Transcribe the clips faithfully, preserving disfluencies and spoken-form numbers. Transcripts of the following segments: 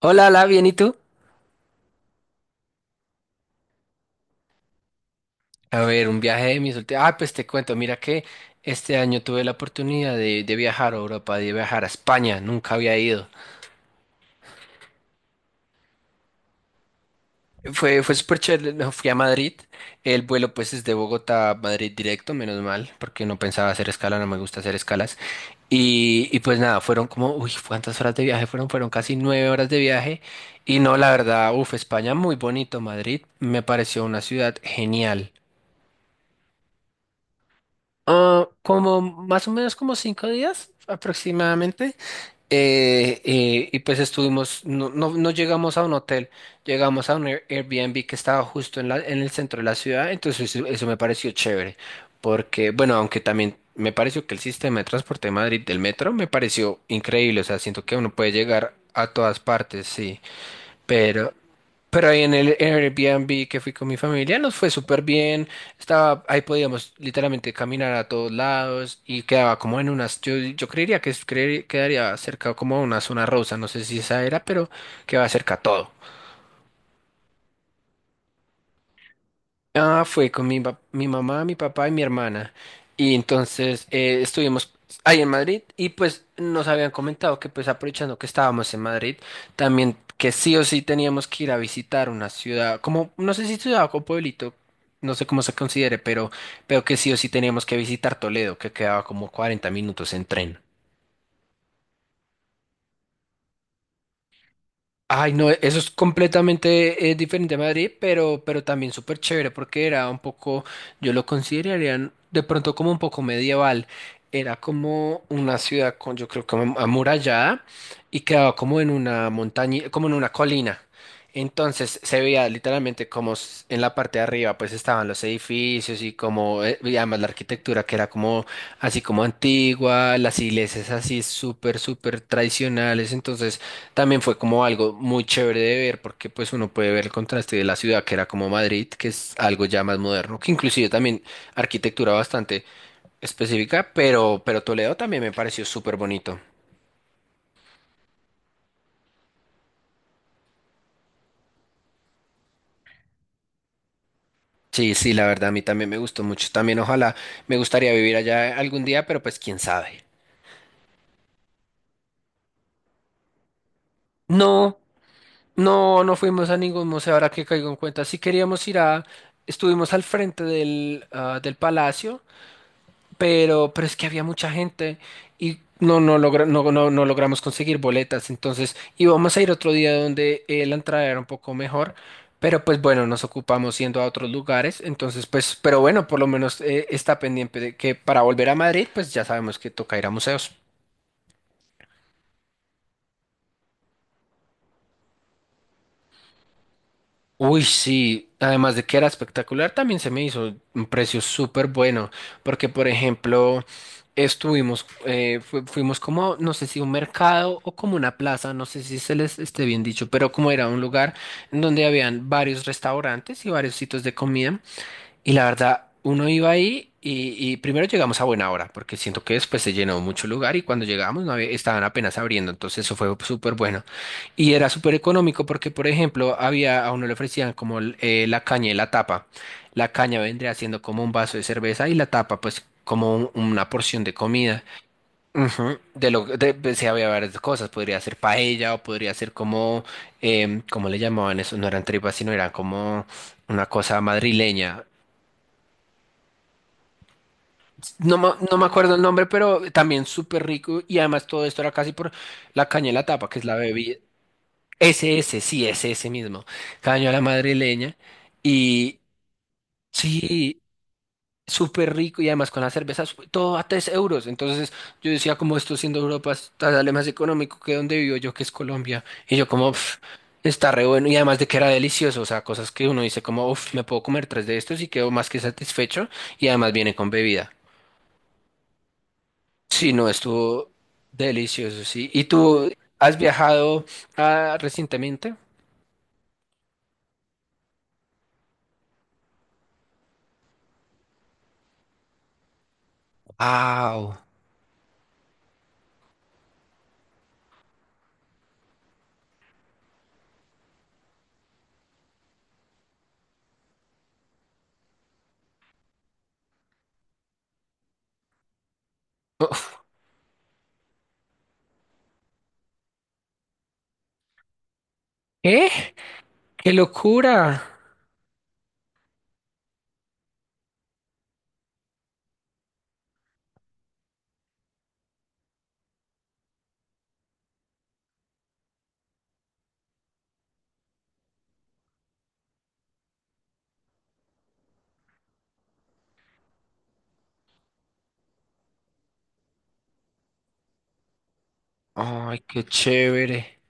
Hola, hola, bien, ¿y tú? A ver, un viaje de mis últimos... Ah, pues te cuento, mira que este año tuve la oportunidad de, de viajar a Europa, de viajar a España, nunca había ido. Fue, fue súper chévere, no, fui a Madrid, el vuelo pues es de Bogotá a Madrid directo, menos mal, porque no pensaba hacer escala, no me gusta hacer escalas. Y, y pues nada, fueron como, uy, ¿cuántas horas de viaje fueron? Fueron casi nueve horas de viaje. Y no, la verdad, uff, España muy bonito, Madrid me pareció una ciudad genial. Ah, como más o menos como cinco días aproximadamente. Eh, eh, y pues estuvimos, no, no, no llegamos a un hotel, llegamos a un Air- Airbnb que estaba justo en la, en el centro de la ciudad, entonces eso, eso me pareció chévere, porque bueno, aunque también me pareció que el sistema de transporte de Madrid del metro me pareció increíble, o sea, siento que uno puede llegar a todas partes, sí, pero pero ahí en el Airbnb que fui con mi familia nos fue súper bien. Estaba, ahí podíamos literalmente caminar a todos lados y quedaba como en unas, yo, yo creería que es- creer- quedaría cerca como a una zona rosa, no sé si esa era, pero quedaba cerca a todo. Ah, fue con mi, pap- mi mamá, mi papá y mi hermana. Y entonces eh, estuvimos ahí en Madrid y pues nos habían comentado que pues aprovechando que estábamos en Madrid, también que sí o sí teníamos que ir a visitar una ciudad, como no sé si ciudad o pueblito, no sé cómo se considere, pero, pero que sí o sí teníamos que visitar Toledo, que quedaba como cuarenta minutos en tren. Ay, no, eso es completamente eh, diferente a Madrid, pero, pero también súper chévere porque era un poco, yo lo consideraría de pronto como un poco medieval. Era como una ciudad con, yo creo que am- amurallada y quedaba como en una montaña, como en una colina. Entonces se veía literalmente como s- en la parte de arriba pues estaban los edificios y como, eh, y además la arquitectura que era como así como antigua, las iglesias así súper, súper tradicionales. Entonces también fue como algo muy chévere de ver porque pues uno puede ver el contraste de la ciudad que era como Madrid, que es algo ya más moderno, que inclusive también arquitectura bastante específica, pero, pero Toledo también me pareció súper bonito. Sí, sí, la verdad a mí también me gustó mucho. También ojalá me gustaría vivir allá algún día, pero pues quién sabe. No, no, no fuimos a ningún museo, ahora que caigo en cuenta. Sí queríamos ir a, estuvimos al frente del, ah, del palacio. pero, pero es que había mucha gente y no, no, logra- no, no, no logramos conseguir boletas. Entonces íbamos a ir otro día donde eh, la entrada era un poco mejor, pero pues bueno, nos ocupamos yendo a otros lugares. Entonces, pues, pero bueno, por lo menos eh, está pendiente de que para volver a Madrid, pues ya sabemos que toca ir a museos. Uy, sí, además de que era espectacular, también se me hizo un precio súper bueno, porque por ejemplo, estuvimos, eh, fu- fuimos como, no sé si un mercado o como una plaza, no sé si se les esté bien dicho, pero como era un lugar en donde habían varios restaurantes y varios sitios de comida. Y la verdad, uno iba ahí y, y primero llegamos a buena hora, porque siento que después se llenó mucho lugar y cuando llegamos no había- estaban apenas abriendo, entonces eso fue súper bueno. Y era súper económico porque, por ejemplo, había, a uno le ofrecían como el- eh, la caña y la tapa. La caña vendría siendo como un vaso de cerveza y la tapa, pues, como un- una porción de comida. Ujú. De lo de, pues, sí, había varias cosas, podría ser paella o podría ser como, em, ¿cómo le llamaban eso? No eran tripas, sino eran como una cosa madrileña. No, ma- no me acuerdo el nombre, pero también súper rico y además todo esto era casi por la caña de la tapa, que es la bebida. SS, sí, es ese mismo. Caña a la madrileña. Y sí, súper rico y además con las cervezas todo a tres euros. Entonces yo decía, como esto siendo Europa, está- sale más económico que donde vivo yo, que es Colombia. Y yo como, "Pf, está re bueno". Y además de que era delicioso, o sea, cosas que uno dice como, uff, me puedo comer tres de estos y quedo más que satisfecho. Y además viene con bebida. Sí, no, estuvo delicioso, sí. ¿Y tú has viajado ah, recientemente? ¡Wow! ¿Qué? ¡Qué locura! ¡Ay, qué chévere!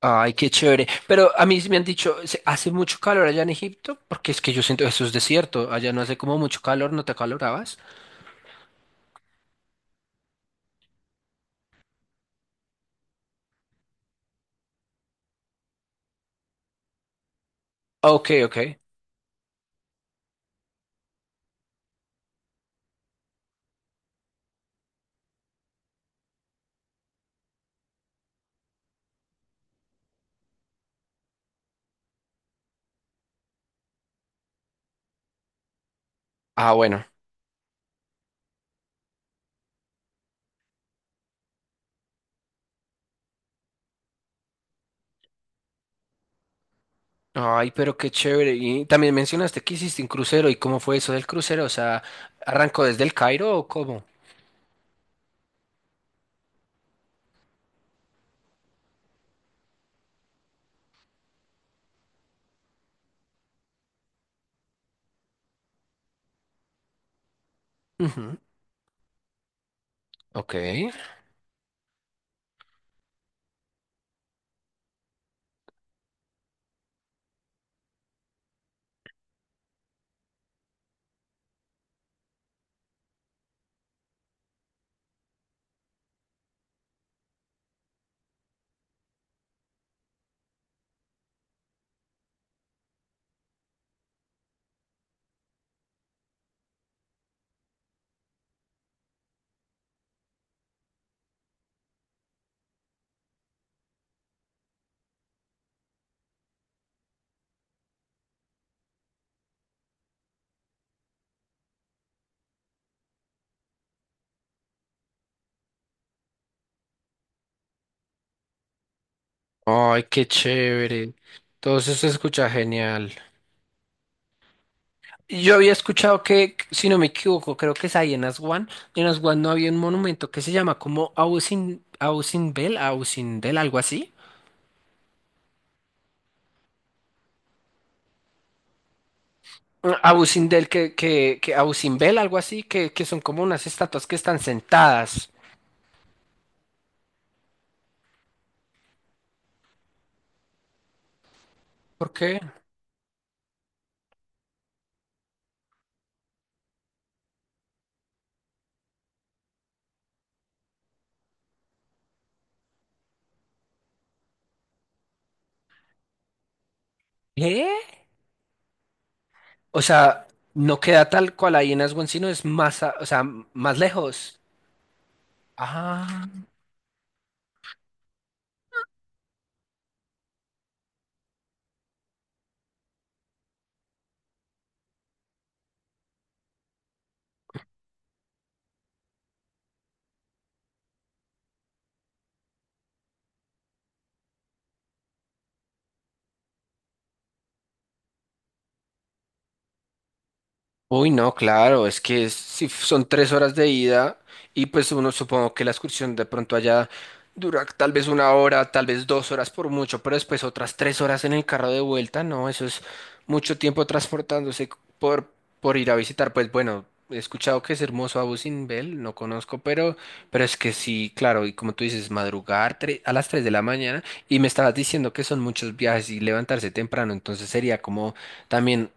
¡Ay, qué chévere! Pero a mí sí me han dicho, ¿se- ¿hace mucho calor allá en Egipto? Porque es que yo siento, eso es desierto, allá no hace como mucho calor, ¿no te acalorabas? Ok, ok. Ah, bueno. Ay, pero qué chévere. Y también mencionaste que hiciste un crucero. ¿Y cómo fue eso del crucero? O sea, ¿arrancó desde el Cairo o cómo? Ujú. Ok. Ay, qué chévere. Todo eso se escucha genial. Yo había escuchado que, si no me equivoco, creo que es ahí en Aswan. En Aswan no había un monumento que se llama como Ausin, Ausinbel, Ausindel, algo así. Ah, Ausindel, que, que, que Ausimbel, algo así, que, que son como unas estatuas que están sentadas. ¿Por qué? ¿Eh? O sea, no queda tal cual ahí en Aswan, sino es más, a- o sea, más lejos. Ah. Uy, no, claro, es que es- si f- son tres horas de ida y pues uno supongo que la excursión de pronto allá dura tal vez una hora, tal vez dos horas por mucho, pero después otras tres horas en el carro de vuelta, no, eso es mucho tiempo transportándose c- por, por ir a visitar, pues bueno, he escuchado que es hermoso Abu Simbel, no conozco, pero, pero es que sí, claro, y como tú dices, madrugar tre- a las tres de la mañana y me estabas diciendo que son muchos viajes y levantarse temprano, entonces sería como también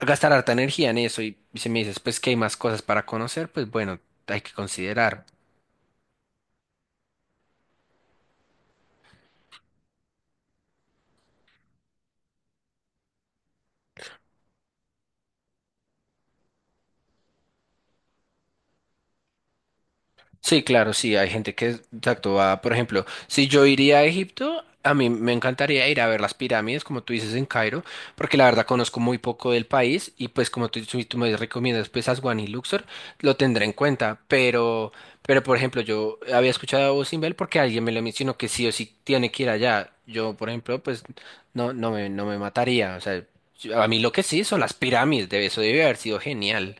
gastar harta energía en eso y, y si me dices, pues que hay más cosas para conocer, pues bueno, hay que considerar. Sí, claro, sí, hay gente que, exacto, va, por ejemplo, si yo iría a Egipto, a mí me encantaría ir a ver las pirámides, como tú dices, en Cairo, porque la verdad conozco muy poco del país y pues como tú, tú- tú me recomiendas, pues Aswan y Luxor, lo tendré en cuenta, pero, pero por ejemplo, yo había escuchado a Abu Simbel porque alguien me lo mencionó que sí o sí tiene que ir allá. Yo, por ejemplo, pues no, no me, no me mataría, o sea, yo- a mí lo que sí son las pirámides, de eso debe haber sido genial.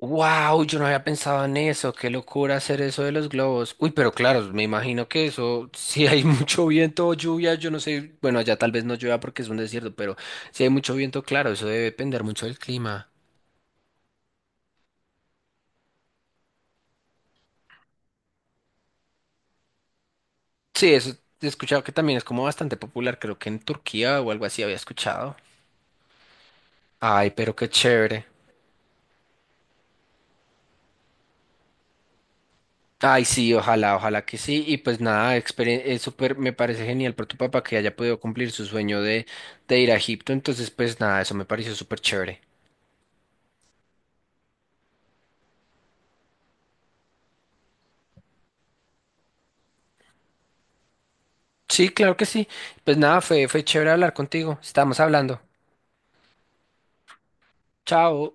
Wow, yo no había pensado en eso, qué locura hacer eso de los globos. Uy, pero claro, me imagino que eso, si hay mucho viento o lluvia, yo no sé, bueno, allá tal vez no llueva porque es un desierto, pero si hay mucho viento, claro, eso debe depender mucho del clima. Sí, eso he escuchado que también es como bastante popular, creo que en Turquía o algo así había escuchado. Ay, pero qué chévere. Ay, sí, ojalá, ojalá que sí. Y pues nada, experien- es súper, me parece genial por tu papá que haya podido cumplir su sueño de, de ir a Egipto. Entonces, pues nada, eso me pareció súper chévere. Sí, claro que sí. Pues nada, fue, fue chévere hablar contigo. Estamos hablando. Chao.